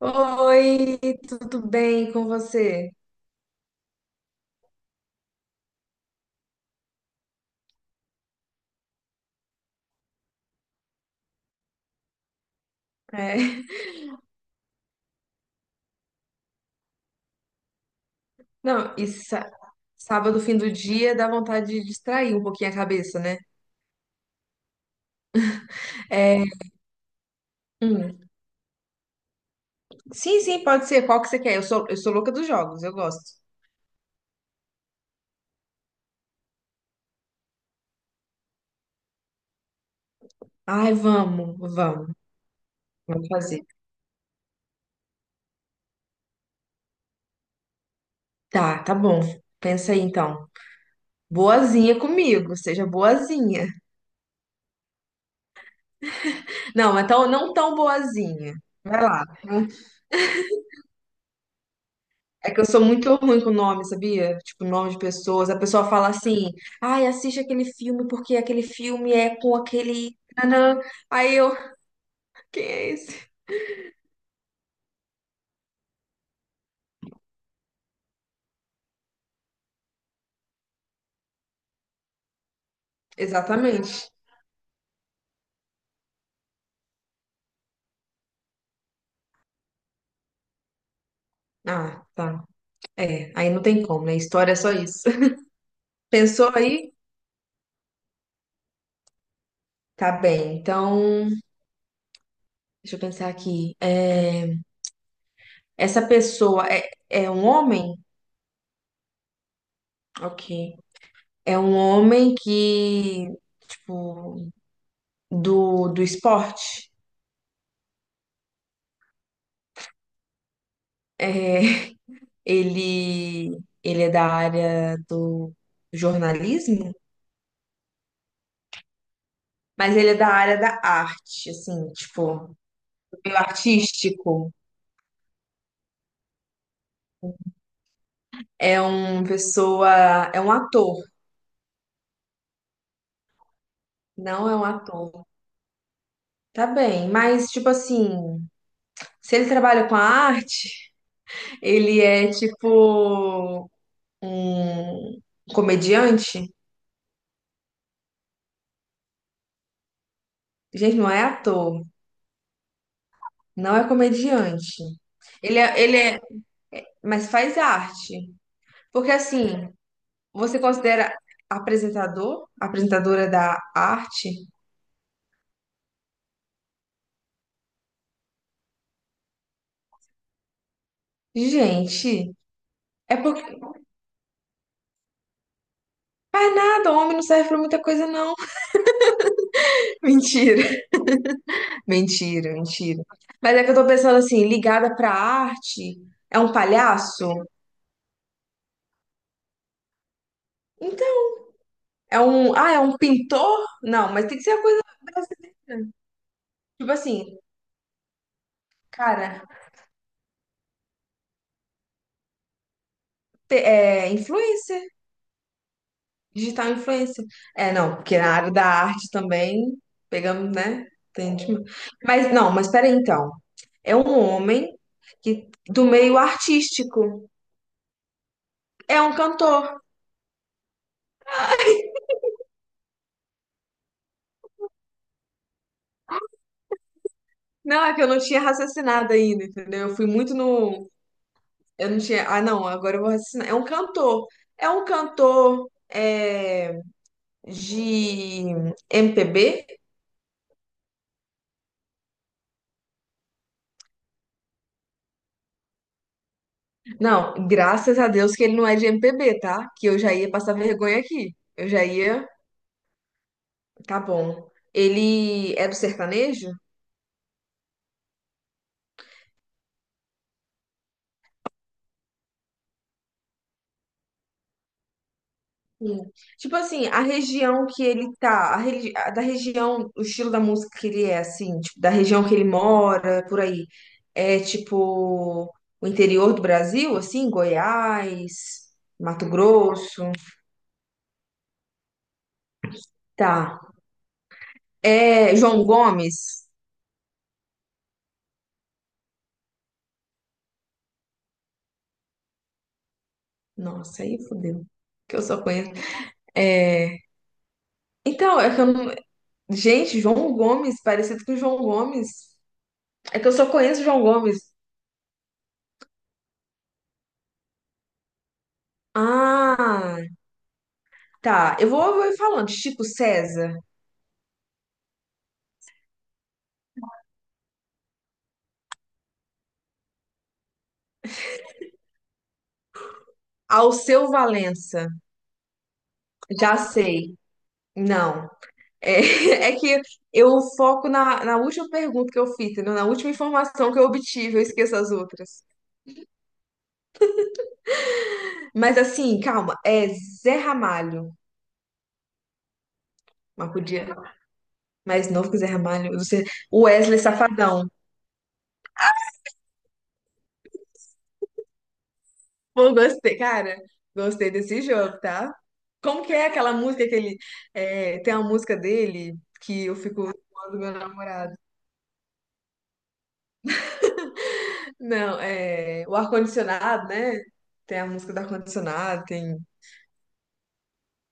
Oi, tudo bem com você? É. Não, sábado, fim do dia, dá vontade de distrair um pouquinho a cabeça, né? É, hum, sim, sim, pode ser. Qual que você quer? Eu sou louca dos jogos, eu gosto. Ai, vamos fazer. Tá, tá bom. Pensa aí então. Boazinha comigo, seja boazinha. Não, então não tão boazinha. Vai lá. É que eu sou muito ruim com nome, sabia? Tipo, nome de pessoas. A pessoa fala assim, ai, assiste aquele filme porque aquele filme é com aquele. Tanã". Aí eu, quem é esse? Exatamente. Ah, tá. É, aí não tem como, né? História é só isso. Pensou aí? Tá bem. Então, deixa eu pensar aqui. É, essa pessoa é um homem? Ok. É um homem que, tipo, do esporte? É. Ele é da área do jornalismo, mas ele é da área da arte, assim, tipo, do meio artístico. É uma pessoa, é um ator, não é um ator. Tá bem, mas tipo assim, se ele trabalha com a arte, ele é tipo um comediante? Gente, não é ator, não é comediante. Ele é, mas faz arte. Porque assim, você considera apresentador? Apresentadora da arte? Gente, é porque. Faz nada, homem não serve pra muita coisa, não. Mentira, mentira, mentira. Mas é que eu tô pensando assim, ligada pra arte, é um palhaço? Então, é um. Ah, é um pintor? Não, mas tem que ser uma coisa brasileira. Tipo assim, cara, é influencer. Digital influencer. É, não, porque na área da arte também pegamos, né? Tem de- Mas não, mas peraí então. É um homem que do meio artístico. É um cantor. Não, é que eu não tinha raciocinado ainda, entendeu? Eu fui muito no. Eu não tinha. Ah, não, agora eu vou raciocinar. É um cantor. É um cantor é, de MPB? Não, graças a Deus que ele não é de MPB, tá? Que eu já ia passar vergonha aqui. Eu já ia. Tá bom. Ele é do sertanejo? Sim. Tipo assim, a região que ele tá, a a da região, o estilo da música que ele é, assim, tipo, da região que ele mora, por aí. É tipo o interior do Brasil, assim, Goiás, Mato Grosso. Tá. É João Gomes? Nossa, aí fodeu. Que eu só conheço. É... Então, é que eu não... Gente, João Gomes, parecido com João Gomes. É que eu só conheço João Gomes. Ah, tá. Eu vou falando. Chico César, Alceu Valença. Já sei. Não. É, é que eu foco na, na última pergunta que eu fiz, entendeu? Na última informação que eu obtive, eu esqueço as outras. Mas assim, calma. É Zé Ramalho. Mas podia. Mais novo que Zé Ramalho. Você... Wesley Safadão. Pô, gostei, cara. Gostei desse jogo, tá? Como que é aquela música que ele. É, tem uma música dele que eu fico zoando meu namorado. Não, é o ar-condicionado, né? Tem a música do ar-condicionado, tem.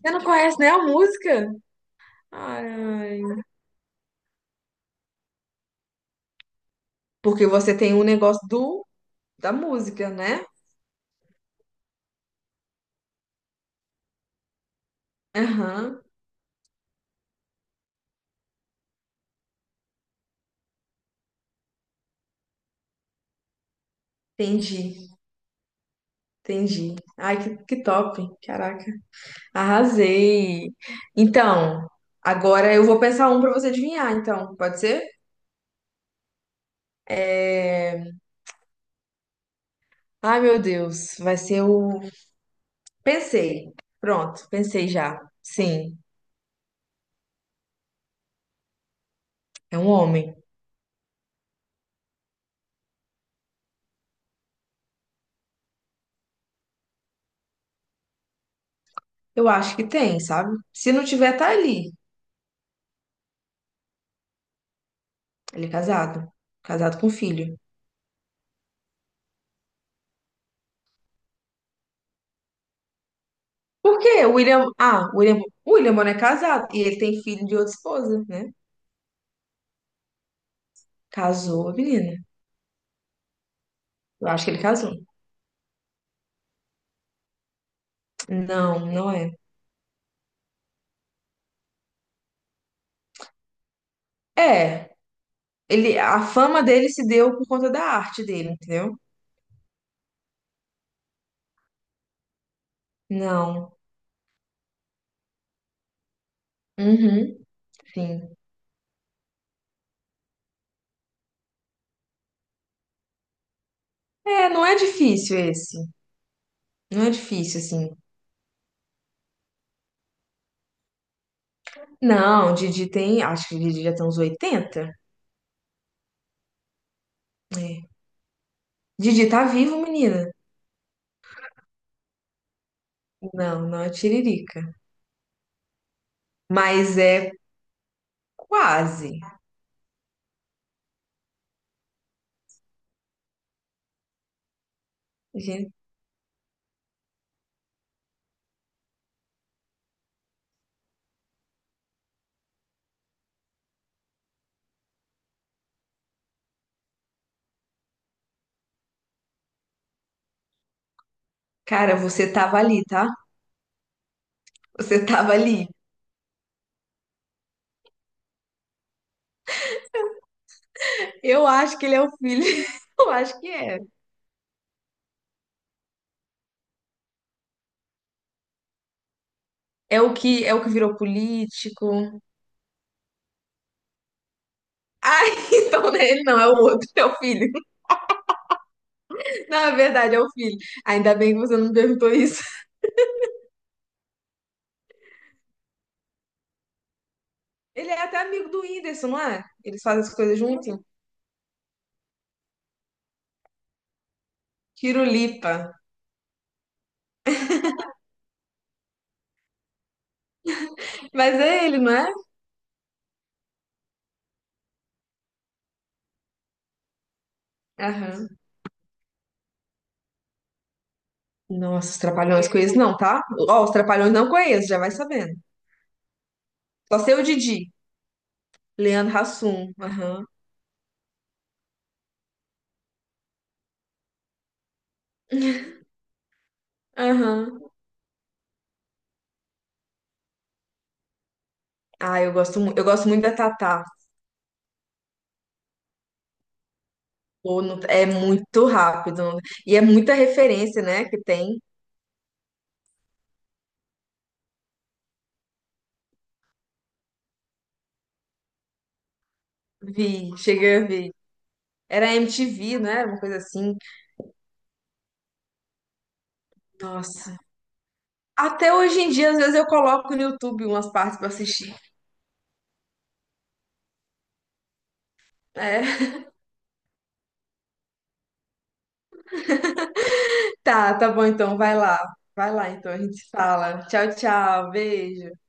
Você não conhece nem a música? Ai, porque você tem um negócio do da música, né? Aham, entendi, entendi. Ai, que top, caraca, arrasei. Então, agora eu vou pensar um pra você adivinhar, então, pode ser? É... Ai, meu Deus, vai ser o. Pensei, pronto, pensei já. Sim, é um homem. Eu acho que tem, sabe? Se não tiver, tá ali. Ele é casado. Casado com filho. Por quê? O William. Ah, o William Bonner é casado. E ele tem filho de outra esposa, né? Casou a menina. Eu acho que ele casou. Não, não é. É. Ele, a fama dele se deu por conta da arte dele, entendeu? Não. Uhum, sim. É, não é difícil esse. Não é difícil, assim. Não, Didi tem. Acho que Didi já tem uns 80. É. Didi tá vivo, menina. Não, não é tiririca. Mas é quase. Gente, cara, você tava ali, tá? Você tava ali. Eu acho que ele é o filho. Eu acho que é. É o que virou político. Ah, então não é ele não é o outro, é o filho. Na verdade, é o filho. Ainda bem que você não me perguntou isso. Ele é até amigo do Whindersson, não é? Eles fazem as coisas juntos. Tirulipa. Mas é ele, não é? Aham. Nossa, os Trapalhões conheço não, tá? Ó, os Trapalhões não conheço, já vai sabendo. Só sei o Didi. Leandro Hassum. Aham. Aham. Ah, eu gosto, eu gosto muito da Tatá. Pô, não- É muito rápido. E é muita referência, né, que tem. Vi, cheguei a ver. Era MTV, né? Uma coisa assim. Nossa. Até hoje em dia, às vezes eu coloco no YouTube umas partes pra assistir. É. Tá, tá bom então. Vai lá. Vai lá então, a gente se fala. Tchau, tchau. Beijo.